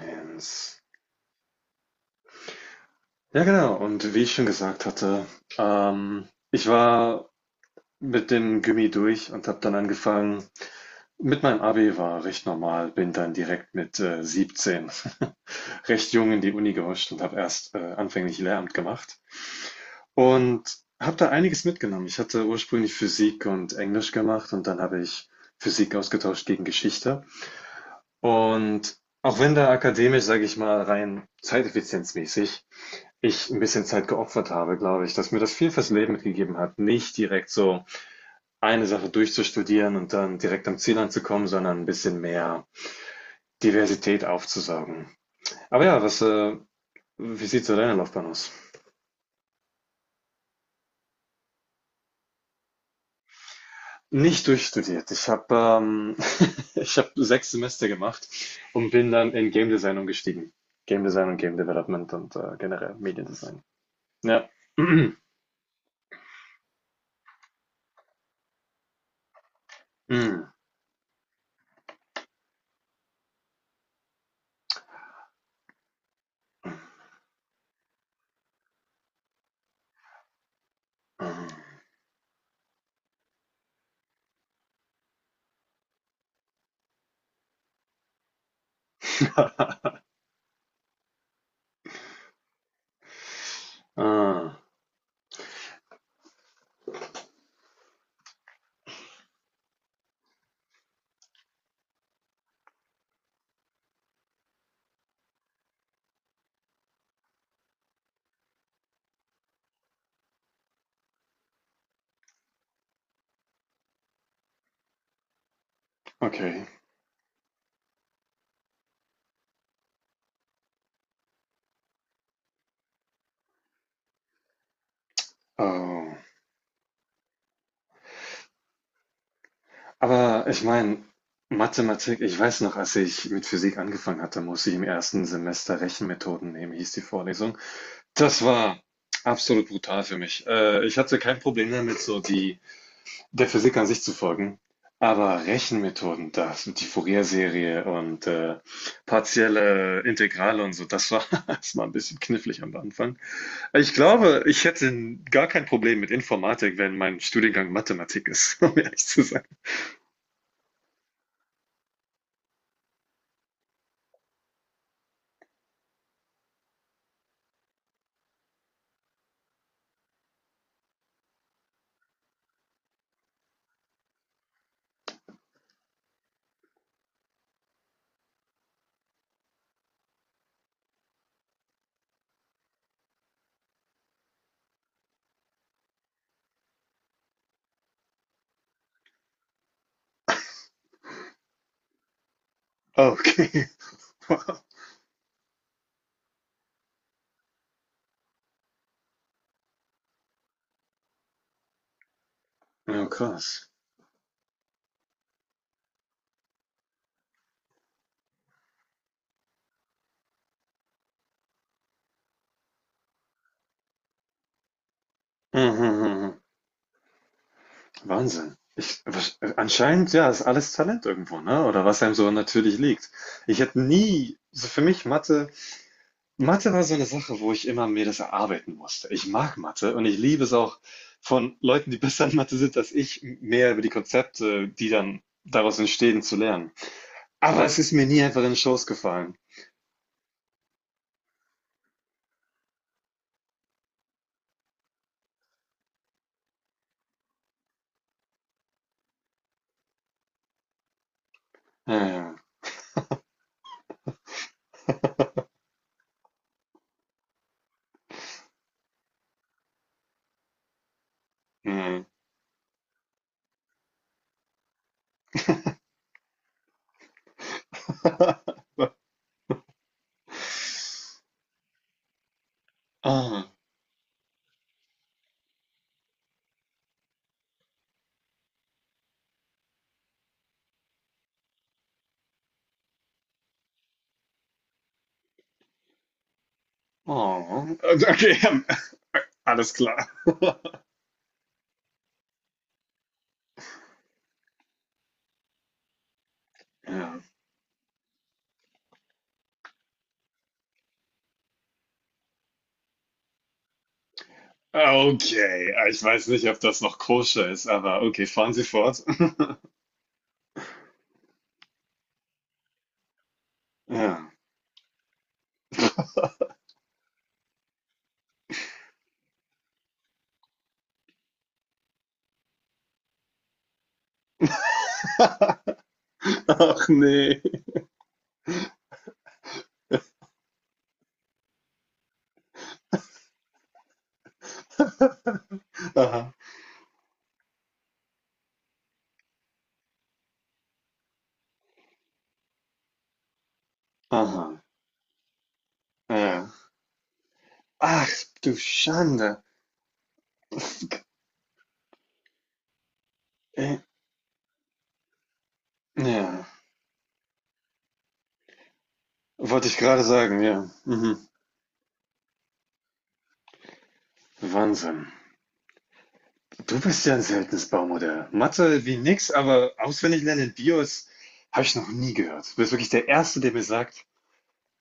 Eins. Ja, genau. Und wie ich schon gesagt hatte, ich war mit dem Gymi durch und habe dann angefangen. Mit meinem Abi war recht normal, bin dann direkt mit 17 recht jung in die Uni gehuscht und habe erst anfänglich Lehramt gemacht und habe da einiges mitgenommen. Ich hatte ursprünglich Physik und Englisch gemacht und dann habe ich Physik ausgetauscht gegen Geschichte. Und auch wenn da akademisch, sage ich mal, rein zeiteffizienzmäßig ich ein bisschen Zeit geopfert habe, glaube ich, dass mir das viel fürs Leben mitgegeben hat, nicht direkt so eine Sache durchzustudieren und dann direkt am Ziel anzukommen, sondern ein bisschen mehr Diversität aufzusaugen. Aber ja, wie sieht so deine Laufbahn aus? Nicht durchstudiert. Ich habe 6 Semester gemacht und bin dann in Game Design umgestiegen. Game Design und Game Development und, generell Mediendesign. Ja. Mhm. Mhm. Ah, okay. Oh. Aber ich meine, Mathematik, ich weiß noch, als ich mit Physik angefangen hatte, musste ich im ersten Semester Rechenmethoden nehmen, hieß die Vorlesung. Das war absolut brutal für mich. Ich hatte kein Problem damit, so die der Physik an sich zu folgen, aber Rechenmethoden, das, die Fourier-Serie und partielle Integrale und so, das war, das war ein bisschen knifflig am Anfang. Ich glaube, ich hätte gar kein Problem mit Informatik, wenn mein Studiengang Mathematik ist, um ehrlich zu sein. Okay. Wow. Ja, krass. Mhm, Wahnsinn. Ich, anscheinend, ja, ist alles Talent irgendwo, ne? Oder was einem so natürlich liegt. Ich hätte nie, so für mich Mathe, Mathe war so eine Sache, wo ich immer mir das erarbeiten musste. Ich mag Mathe und ich liebe es auch von Leuten, die besser in Mathe sind als ich, mehr über die Konzepte, die dann daraus entstehen, zu lernen. Aber es ist mir nie einfach in den Schoß gefallen. Ja, ja. Mhm. Ah, oh. Also, okay, alles klar. Ja. Ah, okay, ah, ich weiß nicht, ob das noch koscher ist, aber okay, fahren Sie fort. Ja. Ach nee. Aha. Aha. Ja. Ach, du Schande. Äh, Ja. Wollte ich gerade sagen, ja. Mhm. Wahnsinn. Du bist ja ein seltenes Baumodell. Mathe wie nix, aber auswendig lernen in Bios habe ich noch nie gehört. Du bist wirklich der Erste, der mir sagt,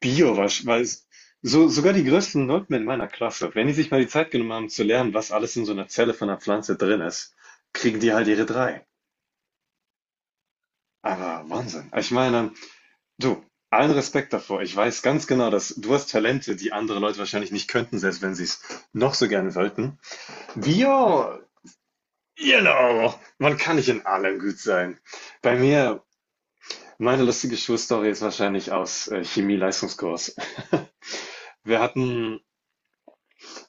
Bio wahrsch weil es so sogar die größten Nulpen in meiner Klasse, wenn die sich mal die Zeit genommen haben zu lernen, was alles in so einer Zelle von einer Pflanze drin ist, kriegen die halt ihre drei. Aber Wahnsinn. Ich meine, du, allen Respekt davor. Ich weiß ganz genau, dass du hast Talente, die andere Leute wahrscheinlich nicht könnten, selbst wenn sie es noch so gerne wollten. Bio, genau, man kann nicht in allem gut sein. Bei mir meine lustige Schulstory ist wahrscheinlich aus, Chemie-Leistungskurs. Wir hatten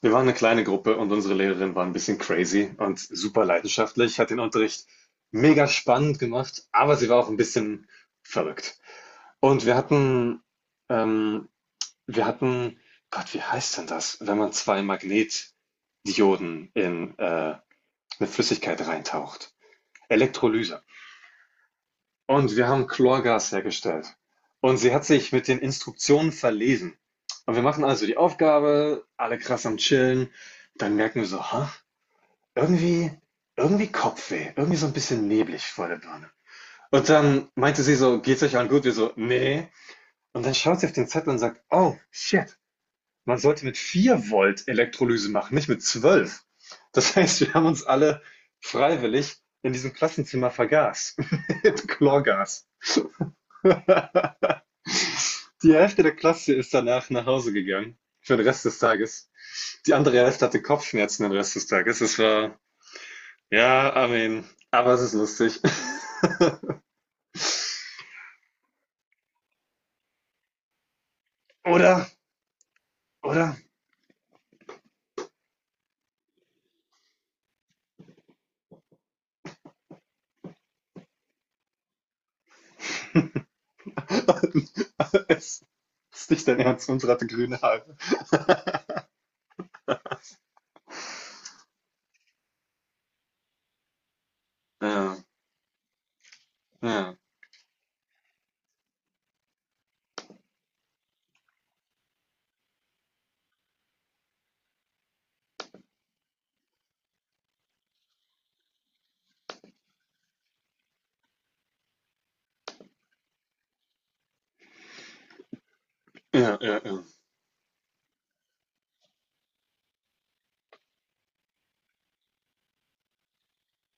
Wir waren eine kleine Gruppe und unsere Lehrerin war ein bisschen crazy und super leidenschaftlich, hat den Unterricht mega spannend gemacht, aber sie war auch ein bisschen verrückt. Und wir hatten ähm, wir hatten Gott, wie heißt denn das, wenn man 2 Magnetdioden in, 'ne Flüssigkeit reintaucht? Elektrolyse. Und wir haben Chlorgas hergestellt. Und sie hat sich mit den Instruktionen verlesen. Und wir machen also die Aufgabe, alle krass am Chillen. Dann merken wir so: ha. Irgendwie irgendwie Kopfweh, irgendwie so ein bisschen neblig vor der Birne. Und dann meinte sie so: „Geht's euch allen gut?“ Wir so: nee. Und dann schaut sie auf den Zettel und sagt: „Oh, shit, man sollte mit 4 Volt Elektrolyse machen, nicht mit 12. Das heißt, wir haben uns alle freiwillig in diesem Klassenzimmer vergaß mit Chlorgas. Die Hälfte der Klasse ist danach nach Hause gegangen für den Rest des Tages. Die andere Hälfte hatte Kopfschmerzen den Rest des Tages. Es war ja, I mean, aber es ist lustig. Oder? Oder? Es ist nicht dein Ernst, unsere hatte grüne Haare. Ja, ja, ja, ja, ja.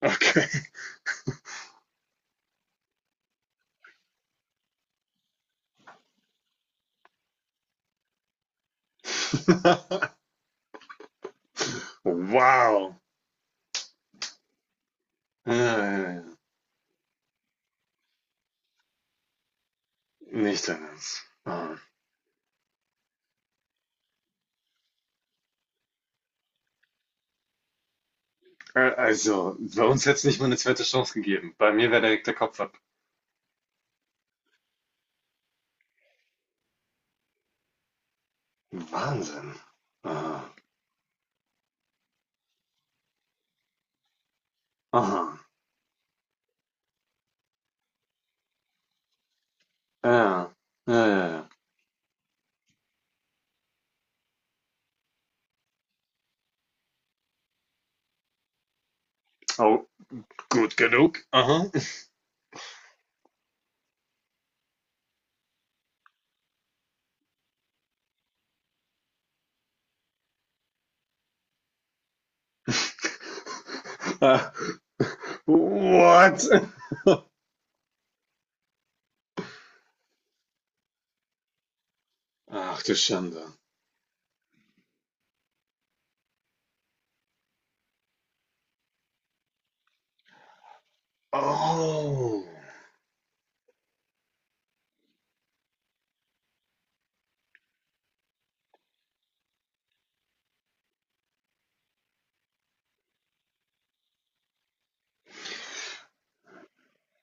Okay. Wow. Ja, ja, ja. Nicht dein Ernst. Ah. Also, bei uns hätte es nicht mal eine zweite Chance gegeben. Bei mir wäre direkt der Kopf ab. Wahnsinn. Ah. Aha. Ja, ja, ja, ja. Oh, gut genug. Aha. Ah. What? Ach du Schande. Oh.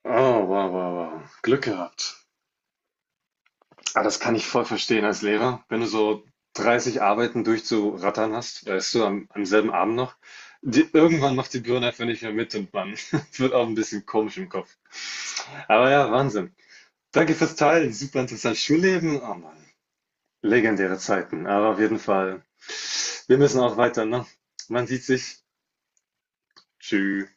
Oh, wow, wow, wow. Glück gehabt. Ah, das kann ich voll verstehen als Lehrer. Wenn du so 30 Arbeiten durchzurattern hast, weißt du, am selben Abend noch, die, irgendwann macht die Birne einfach nicht mehr mit und man wird auch ein bisschen komisch im Kopf. Aber ja, Wahnsinn. Danke fürs Teilen. Super interessantes Schulleben. Oh Mann, legendäre Zeiten. Aber auf jeden Fall, wir müssen auch weiter, ne? Man sieht sich. Tschüss.